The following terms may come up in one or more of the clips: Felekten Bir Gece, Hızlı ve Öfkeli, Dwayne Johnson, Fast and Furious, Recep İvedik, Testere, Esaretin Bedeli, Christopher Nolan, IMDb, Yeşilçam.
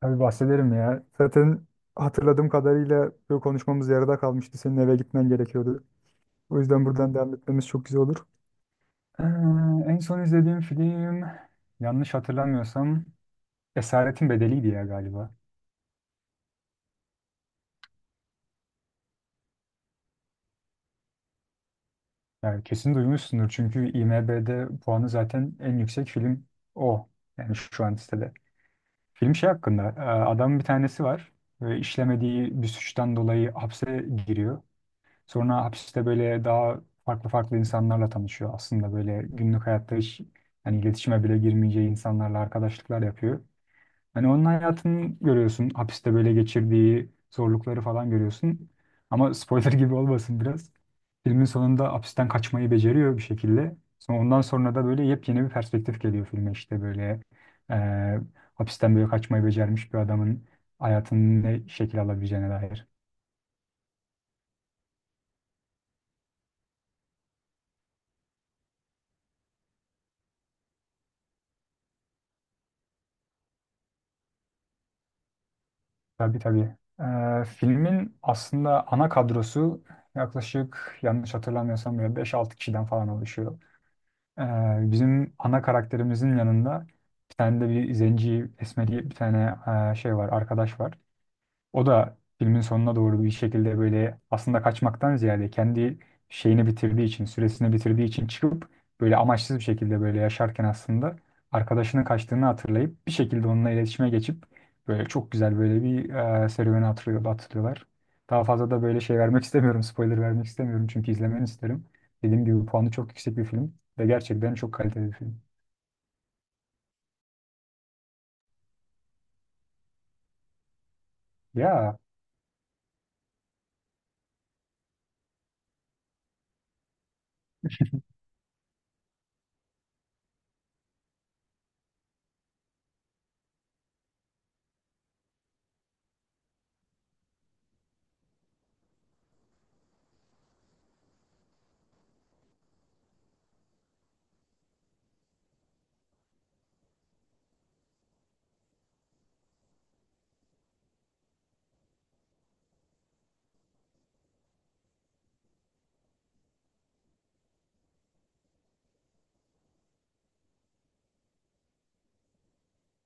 Tabii bahsederim ya. Zaten hatırladığım kadarıyla bu konuşmamız yarıda kalmıştı. Senin eve gitmen gerekiyordu. O yüzden buradan devam etmemiz çok güzel olur. Ee, En son izlediğim film yanlış hatırlamıyorsam Esaretin Bedeli'ydi ya galiba. Yani kesin duymuşsundur çünkü IMDb'de puanı zaten en yüksek film o. Yani şu an listede. Film şey hakkında adamın bir tanesi var ve işlemediği bir suçtan dolayı hapse giriyor. Sonra hapiste böyle daha farklı farklı insanlarla tanışıyor. Aslında böyle günlük hayatta hiç hani iletişime bile girmeyeceği insanlarla arkadaşlıklar yapıyor. Hani onun hayatını görüyorsun. Hapiste böyle geçirdiği zorlukları falan görüyorsun. Ama spoiler gibi olmasın biraz. Filmin sonunda hapisten kaçmayı beceriyor bir şekilde. Sonra ondan sonra da böyle yepyeni bir perspektif geliyor filme işte böyle e, hapisten böyle kaçmayı becermiş bir adamın hayatının ne şekil alabileceğine dair. Tabii tabii. Filmin aslında ana kadrosu yaklaşık yanlış hatırlamıyorsam böyle beş altı kişiden falan oluşuyor. Ee, Bizim ana karakterimizin yanında bir tane de bir zenci esmeri bir tane şey var, arkadaş var. O da filmin sonuna doğru bir şekilde böyle aslında kaçmaktan ziyade kendi şeyini bitirdiği için, süresini bitirdiği için çıkıp böyle amaçsız bir şekilde böyle yaşarken aslında arkadaşının kaçtığını hatırlayıp bir şekilde onunla iletişime geçip böyle çok güzel böyle bir serüveni hatırlıyor, hatırlıyorlar. Daha fazla da böyle şey vermek istemiyorum, spoiler vermek istemiyorum çünkü izlemeni isterim. Dediğim gibi puanı çok yüksek bir film ve gerçekten çok kaliteli bir film. Ya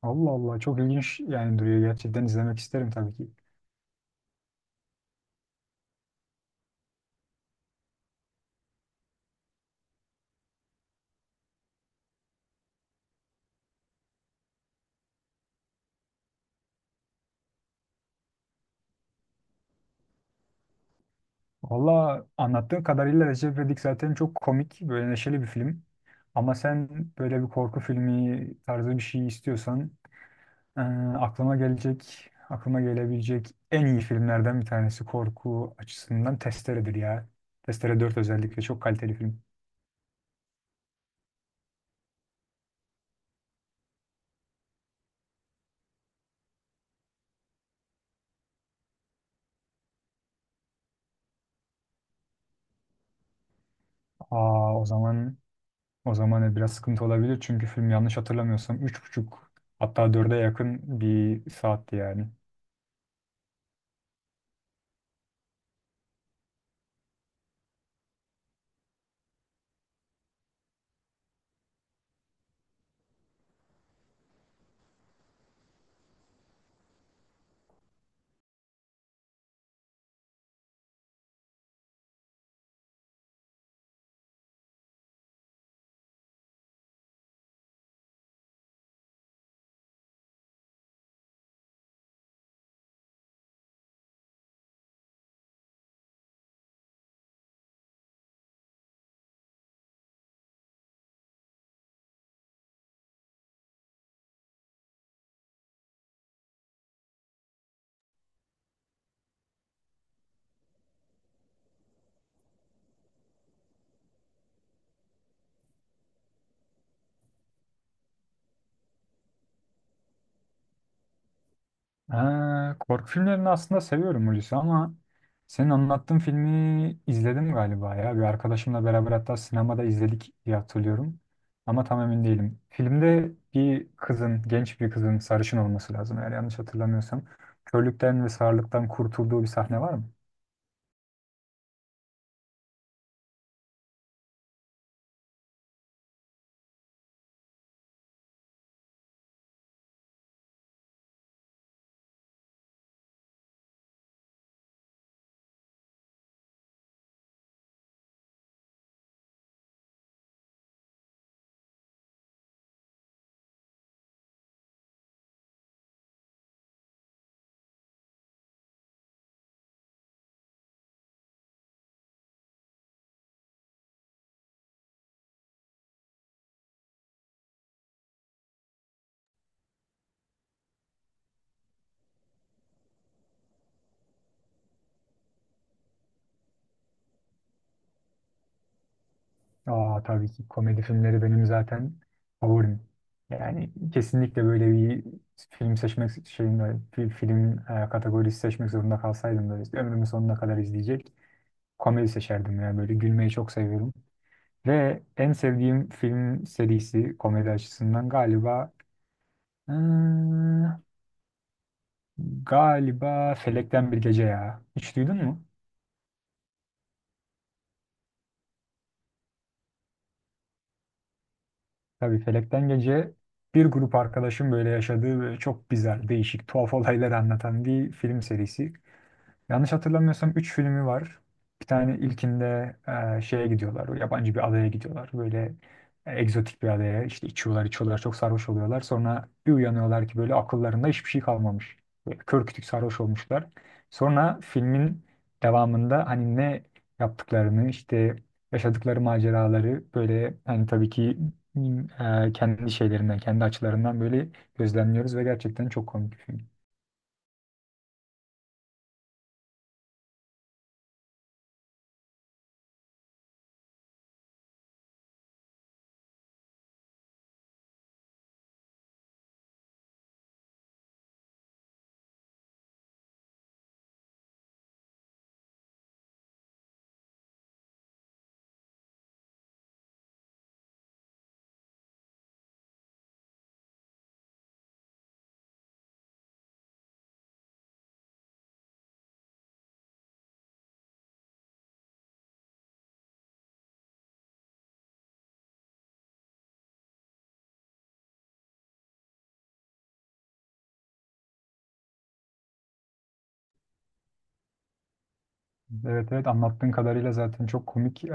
Allah Allah, çok ilginç yani duruyor, gerçekten izlemek isterim tabii ki. Valla anlattığın kadarıyla Recep İvedik zaten çok komik, böyle neşeli bir film. Ama sen böyle bir korku filmi tarzı bir şey istiyorsan eee, aklıma gelebilecek en iyi filmlerden bir tanesi korku açısından Testere'dir ya. Testere 4 özellikle çok kaliteli film. Aa, o zaman o zaman biraz sıkıntı olabilir çünkü film yanlış hatırlamıyorsam üç buçuk hatta dörde yakın bir saatti yani. Ha, korku filmlerini aslında seviyorum Hulusi, ama senin anlattığın filmi izledim galiba ya. Bir arkadaşımla beraber hatta sinemada izledik diye hatırlıyorum. Ama tam emin değilim. Filmde bir kızın, genç bir kızın sarışın olması lazım eğer yanlış hatırlamıyorsam. Körlükten ve sağırlıktan kurtulduğu bir sahne var mı? Aa, tabii ki komedi filmleri benim zaten favorim. Yani kesinlikle böyle bir film seçmek şeyinde, bir film kategorisi seçmek zorunda kalsaydım da ömrümün sonuna kadar izleyecek. Komedi seçerdim ya. Böyle gülmeyi çok seviyorum. Ve en sevdiğim film serisi komedi açısından galiba hmm, galiba Felekten Bir Gece ya. Hiç duydun mu? Tabii Felekten Gece bir grup arkadaşım böyle yaşadığı ve çok güzel, değişik, tuhaf olaylar anlatan bir film serisi. Yanlış hatırlamıyorsam 3 filmi var. Bir tane ilkinde şeye gidiyorlar. O yabancı bir adaya gidiyorlar. Böyle egzotik bir adaya. İşte içiyorlar, içiyorlar. Çok sarhoş oluyorlar. Sonra bir uyanıyorlar ki böyle akıllarında hiçbir şey kalmamış. Böyle kör kütük sarhoş olmuşlar. Sonra filmin devamında hani ne yaptıklarını işte yaşadıkları maceraları böyle hani tabii ki m, kendi şeylerinden, kendi açılarından böyle gözlemliyoruz ve gerçekten çok komik bir film. Evet evet, anlattığın kadarıyla zaten çok komik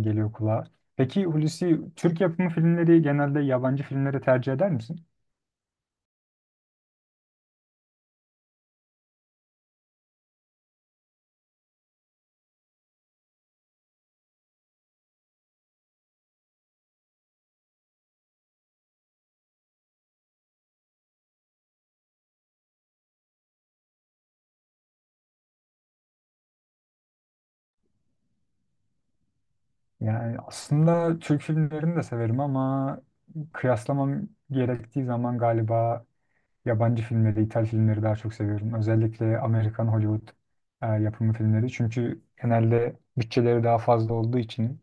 geliyor kulağa. Peki Hulusi, Türk yapımı filmleri genelde yabancı filmlere tercih eder misin? Yani aslında Türk filmlerini de severim ama kıyaslamam gerektiği zaman galiba yabancı filmleri, İtalyan filmleri daha çok seviyorum. Özellikle Amerikan Hollywood yapımı filmleri. Çünkü genelde bütçeleri daha fazla olduğu için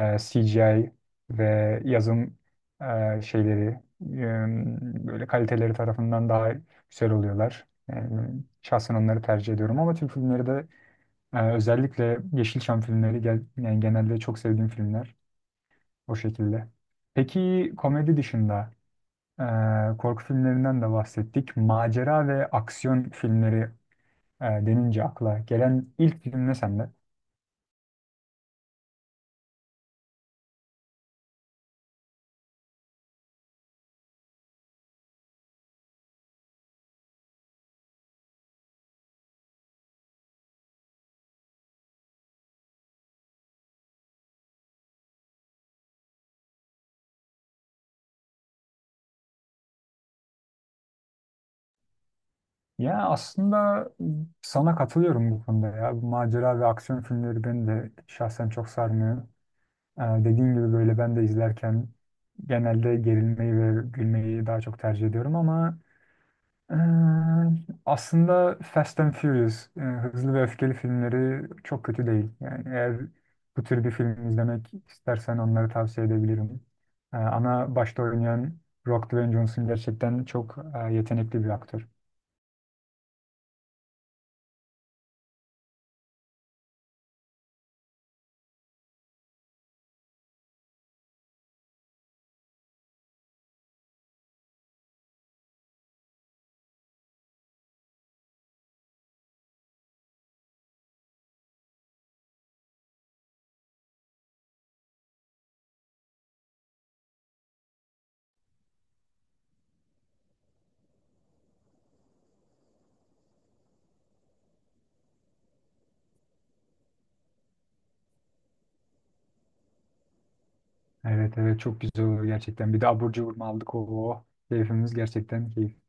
CGI ve yazım şeyleri böyle kaliteleri tarafından daha güzel oluyorlar. Yani şahsen onları tercih ediyorum ama Türk filmleri de özellikle Yeşilçam filmleri gel, yani genelde çok sevdiğim filmler o şekilde. Peki komedi dışında korku filmlerinden de bahsettik. Macera ve aksiyon filmleri denince akla gelen ilk film ne sende? Ya aslında sana katılıyorum bu konuda ya. Bu macera ve aksiyon filmleri beni de şahsen çok sarmıyor. Dediğim gibi böyle ben de izlerken genelde gerilmeyi ve gülmeyi daha çok tercih ediyorum ama Ee, aslında Fast and Furious, Hızlı ve Öfkeli filmleri çok kötü değil. Yani eğer bu tür bir film izlemek istersen onları tavsiye edebilirim. Ana başta oynayan Rock Dwayne Johnson gerçekten çok yetenekli bir aktör. Evet evet, çok güzel olur gerçekten. Bir de abur cubur mu aldık o, o. Keyfimiz gerçekten keyif.